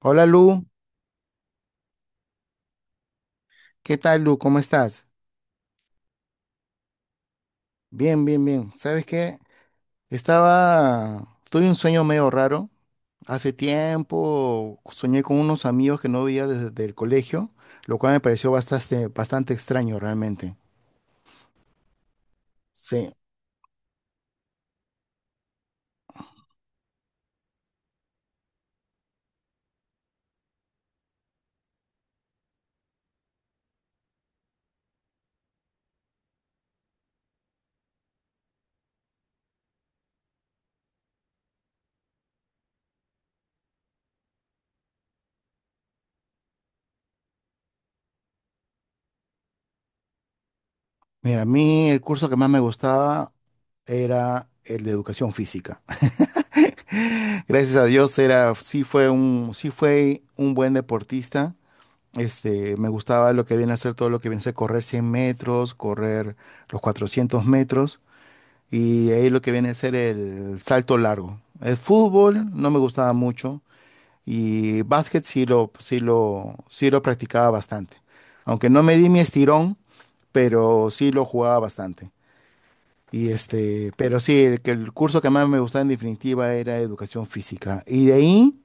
Hola Lu, ¿qué tal Lu? ¿Cómo estás? Bien, bien, bien. ¿Sabes qué? Estaba, tuve un sueño medio raro. Hace tiempo soñé con unos amigos que no veía desde el colegio, lo cual me pareció bastante extraño realmente. Sí. Mira, a mí el curso que más me gustaba era el de educación física. Gracias a Dios era, sí fue un buen deportista. Me gustaba lo que viene a ser todo lo que viene a ser correr 100 metros, correr los 400 metros y de ahí lo que viene a ser el salto largo. El fútbol no me gustaba mucho y básquet sí lo practicaba bastante. Aunque no me di mi estirón, pero sí lo jugaba bastante. Y pero sí, el curso que más me gustaba en definitiva era educación física. Y de ahí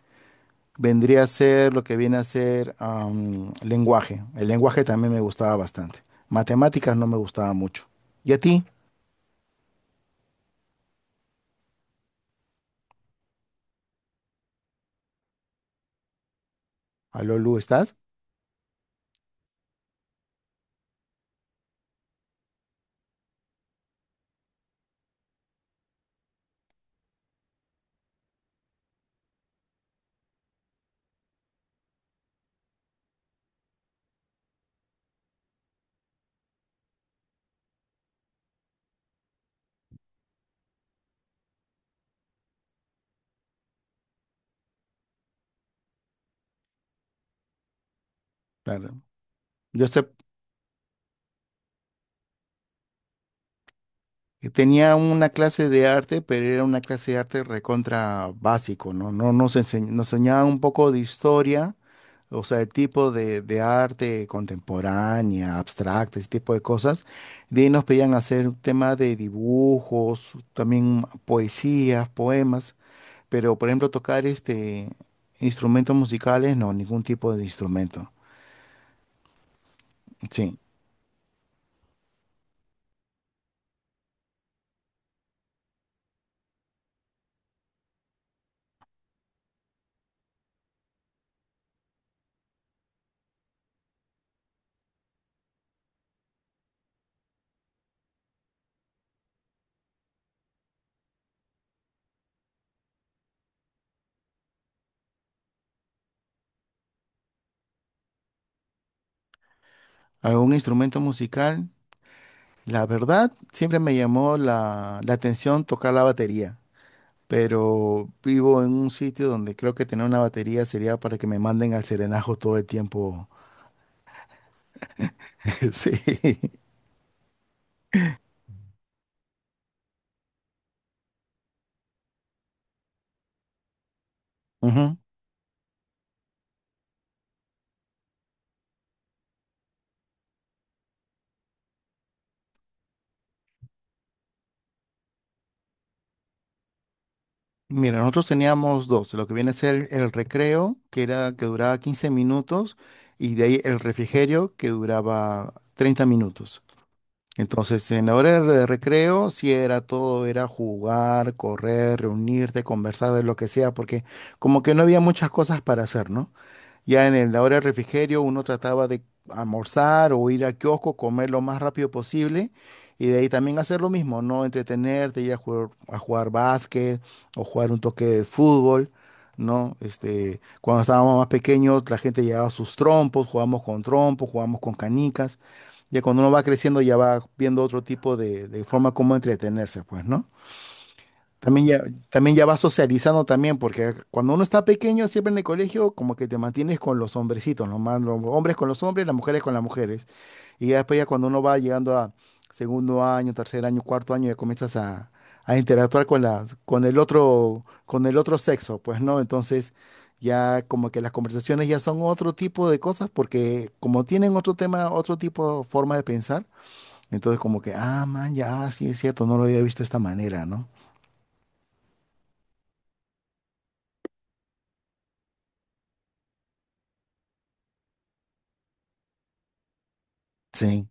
vendría a ser lo que viene a ser lenguaje. El lenguaje también me gustaba bastante. Matemáticas no me gustaba mucho. ¿Y a ti? Aló, Lu, ¿estás? Claro. Yo sé que tenía una clase de arte, pero era una clase de arte recontra básico, ¿no? Nos enseñaban un poco de historia, o sea, el tipo de arte contemporánea, abstracta, ese tipo de cosas. De ahí nos pedían hacer un tema de dibujos, también poesías, poemas. Pero, por ejemplo, tocar instrumentos musicales, no, ningún tipo de instrumento. Sí, algún instrumento musical. La verdad, siempre me llamó la atención tocar la batería, pero vivo en un sitio donde creo que tener una batería sería para que me manden al serenajo todo el tiempo. Sí. Ujú. Mira, nosotros teníamos dos, lo que viene a ser el recreo, que duraba 15 minutos, y de ahí el refrigerio, que duraba 30 minutos. Entonces, en la hora de recreo, sí era todo, era jugar, correr, reunirte, conversar de lo que sea, porque como que no había muchas cosas para hacer, ¿no? Ya en la hora del refrigerio uno trataba de almorzar o ir al kiosco, comer lo más rápido posible y de ahí también hacer lo mismo, ¿no? Entretenerte, ir a jugar básquet o jugar un toque de fútbol, ¿no? Cuando estábamos más pequeños la gente llevaba sus trompos, jugábamos con canicas. Ya cuando uno va creciendo ya va viendo otro tipo de forma como entretenerse, pues, ¿no? También ya, también ya vas socializando también, porque cuando uno está pequeño, siempre en el colegio, como que te mantienes con los hombrecitos, nomás los hombres con los hombres, las mujeres con las mujeres. Y ya después ya cuando uno va llegando a segundo año, tercer año, cuarto año, ya a interactuar con con con el otro sexo, pues, ¿no? Entonces, ya como que las conversaciones ya son otro tipo de cosas, porque como tienen otro tema, otro tipo, forma de pensar, entonces como que, ah, man, ya, sí es cierto, no lo había visto de esta manera, ¿no? Sí.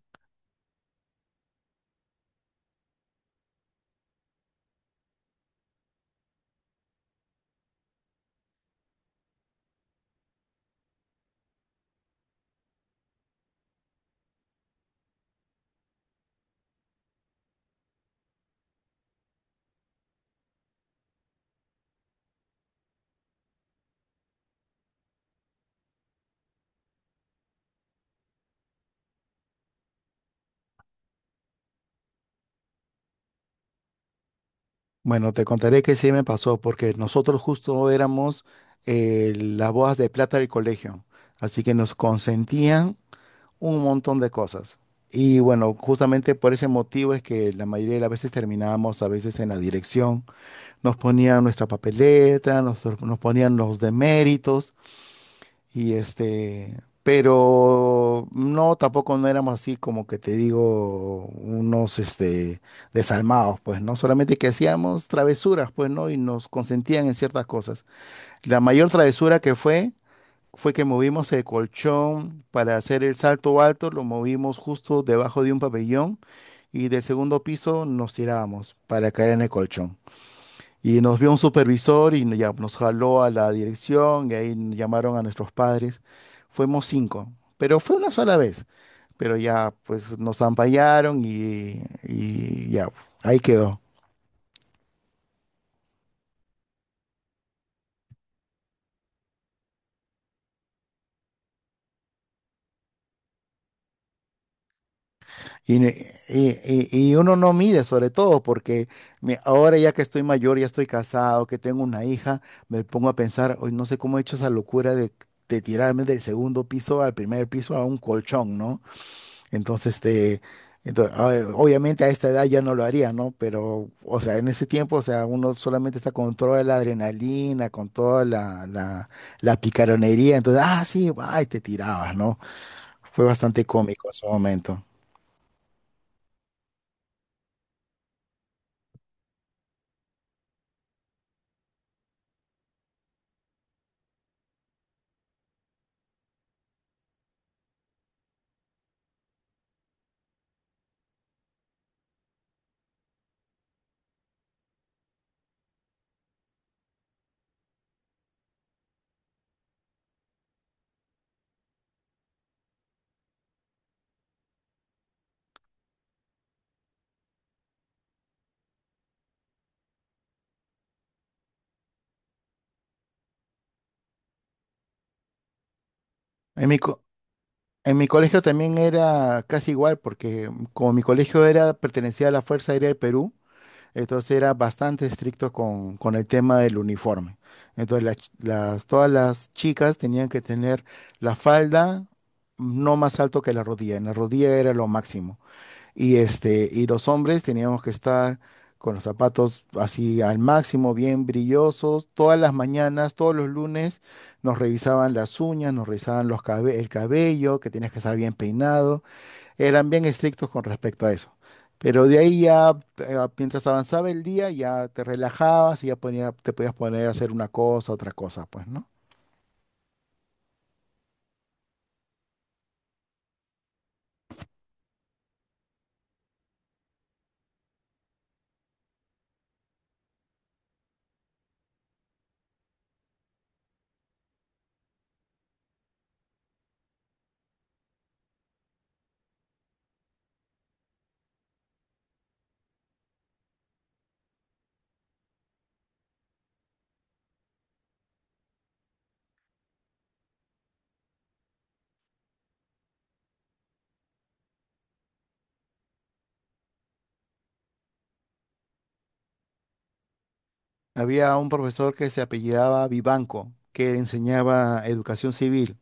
Bueno, te contaré que sí me pasó, porque nosotros justo éramos las bodas de plata del colegio, así que nos consentían un montón de cosas. Y bueno, justamente por ese motivo es que la mayoría de las veces terminábamos a veces en la dirección. Nos ponían nuestra papeleta, nos ponían los deméritos y pero no, tampoco no éramos así como que te digo, unos desalmados, pues, ¿no? Solamente que hacíamos travesuras, pues, ¿no? Y nos consentían en ciertas cosas. La mayor travesura que fue, fue que movimos el colchón para hacer el salto alto, lo movimos justo debajo de un pabellón y del segundo piso nos tirábamos para caer en el colchón. Y nos vio un supervisor y ya nos jaló a la dirección y ahí llamaron a nuestros padres. Fuimos 5, pero fue una sola vez. Pero ya pues nos ampallaron ahí quedó. Y, ne- y- y uno no mide sobre todo porque ahora ya que estoy mayor, ya estoy casado, que tengo una hija, me pongo a pensar, hoy no sé cómo he hecho esa locura de tirarme del segundo piso al primer piso a un colchón, ¿no? Entonces, ah, obviamente a esta edad ya no lo haría, ¿no? Pero, o sea, uno solamente está con toda la adrenalina, con la picaronería. Entonces, ah, sí, va, y te tirabas, ¿no? Fue bastante cómico en su momento. En en mi colegio también era casi igual, porque como mi colegio era, pertenecía a la Fuerza Aérea del Perú, entonces era bastante estricto con el tema del uniforme. Entonces todas las chicas tenían que tener la falda no más alto que la rodilla. En la rodilla era lo máximo. Y, y los hombres teníamos que estar con los zapatos así al máximo, bien brillosos. Todas las mañanas, todos los lunes, nos revisaban las uñas, nos revisaban el cabello, que tenías que estar bien peinado. Eran bien estrictos con respecto a eso. Pero de ahí ya, mientras avanzaba el día, ya te relajabas y ya te podías poner a hacer una cosa, otra cosa, pues, ¿no? Había un profesor que se apellidaba Vivanco, que enseñaba educación civil.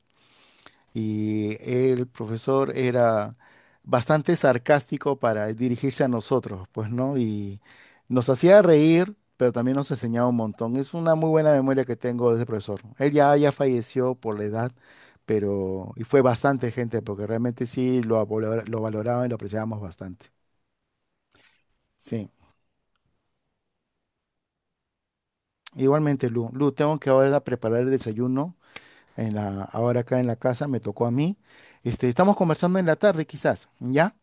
Y el profesor era bastante sarcástico para dirigirse a nosotros, pues, ¿no? Y nos hacía reír, pero también nos enseñaba un montón. Es una muy buena memoria que tengo de ese profesor. Él ya falleció por la edad, pero y fue bastante gente, porque realmente sí lo, lo valoraban y lo apreciábamos bastante. Sí. Igualmente, Lu. Lu, tengo que ahora preparar el desayuno. Ahora acá en la casa me tocó a mí. Estamos conversando en la tarde, quizás, ¿ya?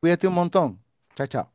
Cuídate un montón. Chao, chao.